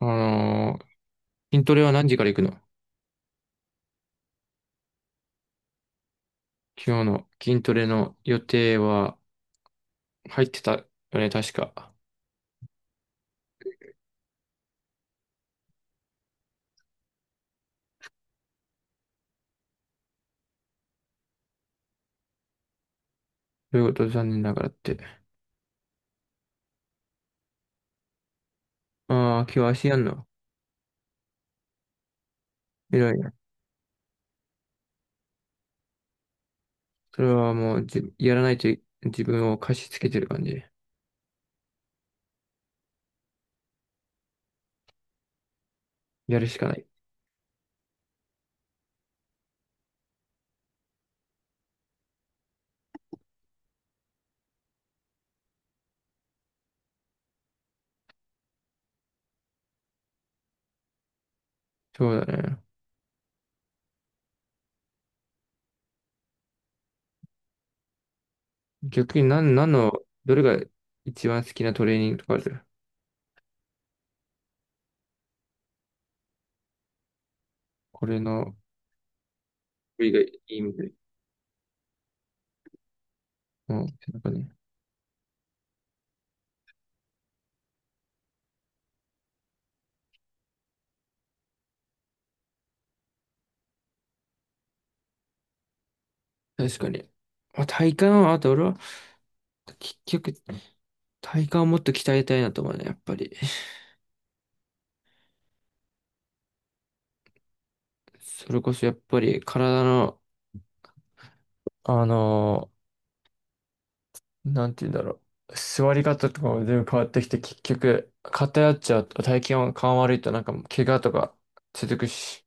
あのー筋トレは何時から行くの？今日の筋トレの予定は入ってたよね、確か。ということ残念ながらって。ああ、今日足やんの？偉いな。それはもうじ、やらないとい自分を貸し付けてる感じ。やるしかない。そうだね。逆に何、何の、どれが一番好きなトレーニングとかある？これの、これがいいみたい。うん、なんかね。確かに。まあ、体幹は、あと俺は、結局、体幹をもっと鍛えたいなと思うね、やっぱり。それこそやっぱり体の、あのなんて言うんだろう。座り方とかも全部変わってきて、結局、偏っちゃうと、体験が感悪いと、なんか、怪我とか続くし。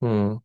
うん。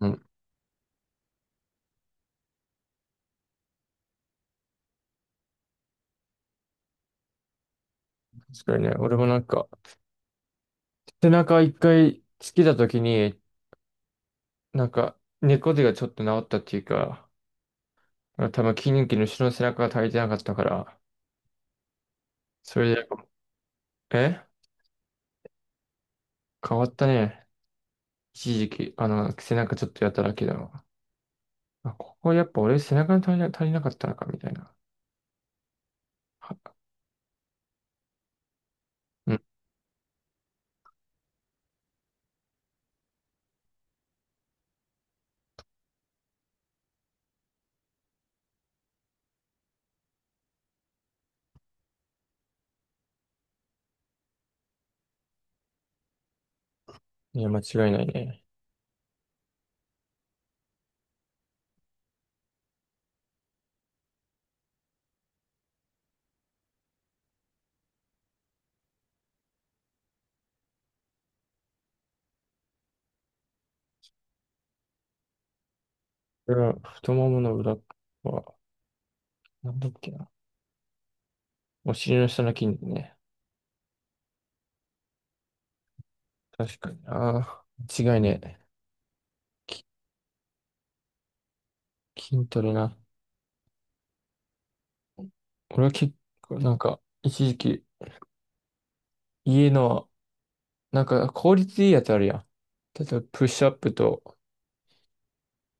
うん。確かにね、俺もなんか、背中一回つけた時に、なんか、猫背がちょっと治ったっていうか、多分筋肉の後ろの背中が足りてなかったから、それで、え変わったね。一時期、あの、背中ちょっとやっただけだもん。あ、ここやっぱ俺背中に足りな、足りなかったのかみたいな。うん。いや、間違いないね。これは太ももの裏は、なんだっけな。お尻の下の筋肉ね。確かにな。間違いねえ。き筋トレな。俺は結構なんか、一時期、家の、なんか効率いいやつあるやん。例えば、プッシュアップと、あ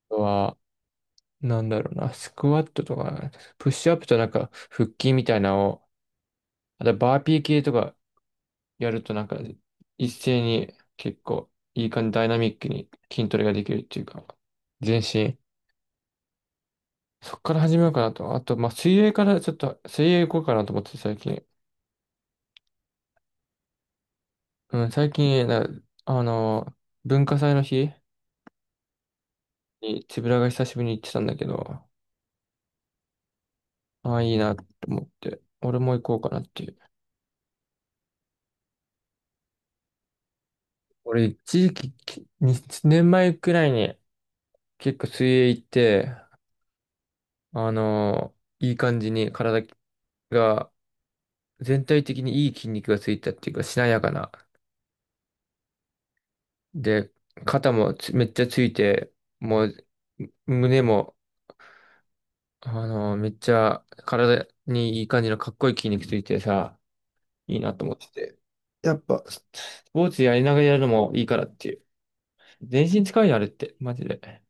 とは、なんだろうな、スクワットとか、プッシュアップとなんか、腹筋みたいなのを、あとバーピー系とか、やるとなんか一斉に結構いい感じダイナミックに筋トレができるっていうか、全身。そっから始めようかなと。あと、まあ、水泳からちょっと、水泳行こうかなと思って最近。うん、最近、なあの、文化祭の日につぶらが久しぶりに行ってたんだけど、ああ、いいなと思って、俺も行こうかなっていう。俺、一時期、きに年前くらいに結構水泳行って、あの、いい感じに体が全体的にいい筋肉がついたっていうか、しなやかな。で、肩もつめっちゃついて、もう、胸も、あの、めっちゃ体にいい感じのかっこいい筋肉ついてさ、いいなと思ってて。やっぱ、ススポーツやりながらやるのもいいからっていう。全身使うよ、あれって。マジで。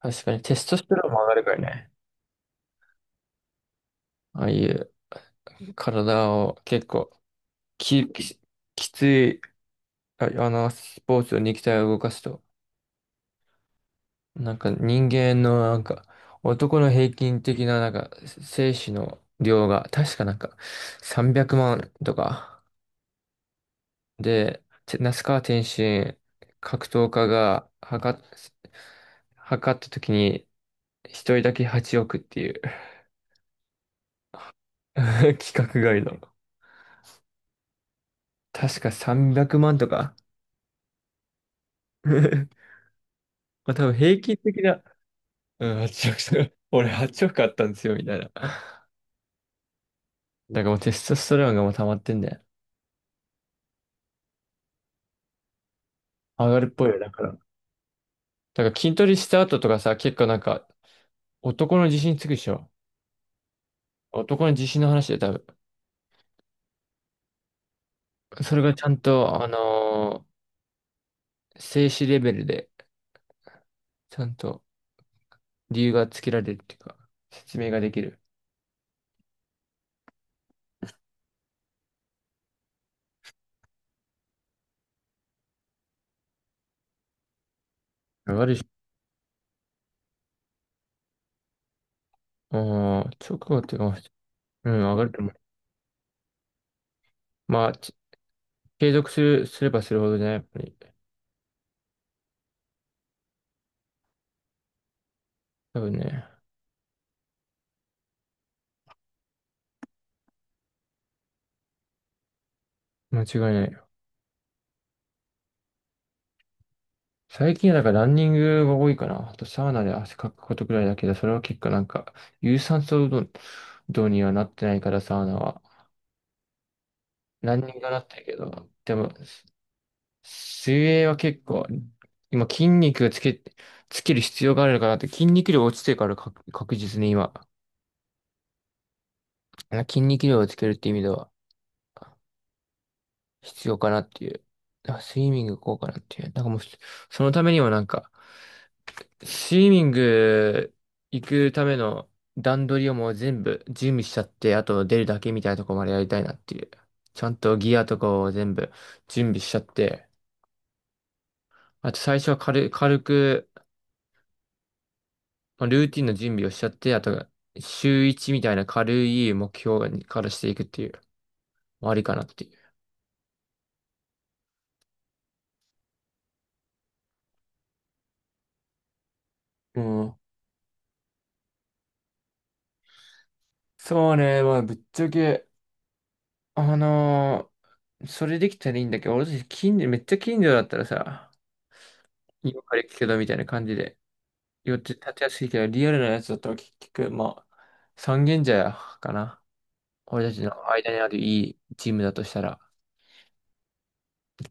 確かに、テストステロンも上がるからね。ああいう体を結構き、き、きつい、あ、あの、スポーツの肉体を動かすと。なんか人間のなんか男の平均的ななんか精子の量が確かなんか300万とかで、て那須川天心格闘家が測っ、測った時に一人だけ8億っていう 規格外 の。確か300万とか まあ多分平均的な、うん、8億とか、俺8億あったんですよみたいな。だからもうテストステロンがもう溜まってんだよ。上がるっぽいよ、だから。だから筋トレした後とかさ、結構なんか、男の自信つくでしょ。男の自信の話で多分。それがちゃんと、静止レベルで、ちゃんと理由がつけられるっていうか、説明ができる。上がるし、ああ、直後っていうか、うん、上がると思う。まあ、ち継続する、すればするほどね、やっぱり。多分ね、間違いないよ。最近はだからランニングが多いかな。あとサウナで汗かくことくらいだけど、それは結構なんか、有酸素運動にはなってないから、サウナは。ランニングだったけど、でも、水泳は結構、今筋肉つけ、つける必要があるのかなって、筋肉量落ちてるから確、確実に今、筋肉量をつけるって意味では必要かなっていう。だからスイミング行こうかなっていう。だからもう、そのためにもなんか、スイミング行くための段取りをもう全部準備しちゃって、あと出るだけみたいなとこまでやりたいなっていう。ちゃんとギアとかを全部準備しちゃって、あと最初は軽、軽く、まあ、ルーティンの準備をしちゃって、あと、週1みたいな軽い目標にからしていくっていう、まあありかなっていう。うん。そうね、まあ、ぶっちゃけ、あのそれできたらいいんだけど、俺たち近所、めっちゃ近所だったらさ、今から行くけどみたいな感じで、よって立てやすいけど、リアルなやつだったら結局、まあ、三軒茶屋かな。俺たちの間にあるいいチームだとしたら、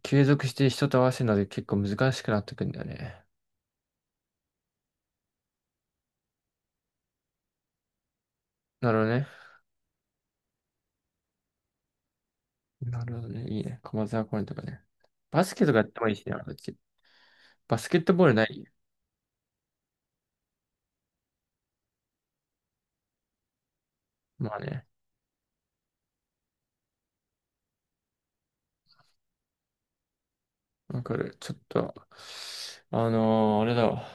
継続して人と合わせるので結構難しくなってくんだよね。なるほどね。なるほどね。いいね。駒沢公園とかね。バスケとかやってもいいしね、こっち。バスケットボールない？まあね。わかる。ちょっと、あれだわ。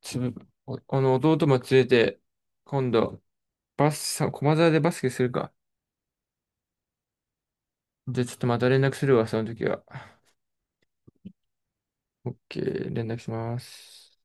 つぶ、おあの、弟も連れて、今度、バスさ、駒沢でバスケするか。じゃあちょっとまた連絡するわ、その時は。オッケー、連絡します。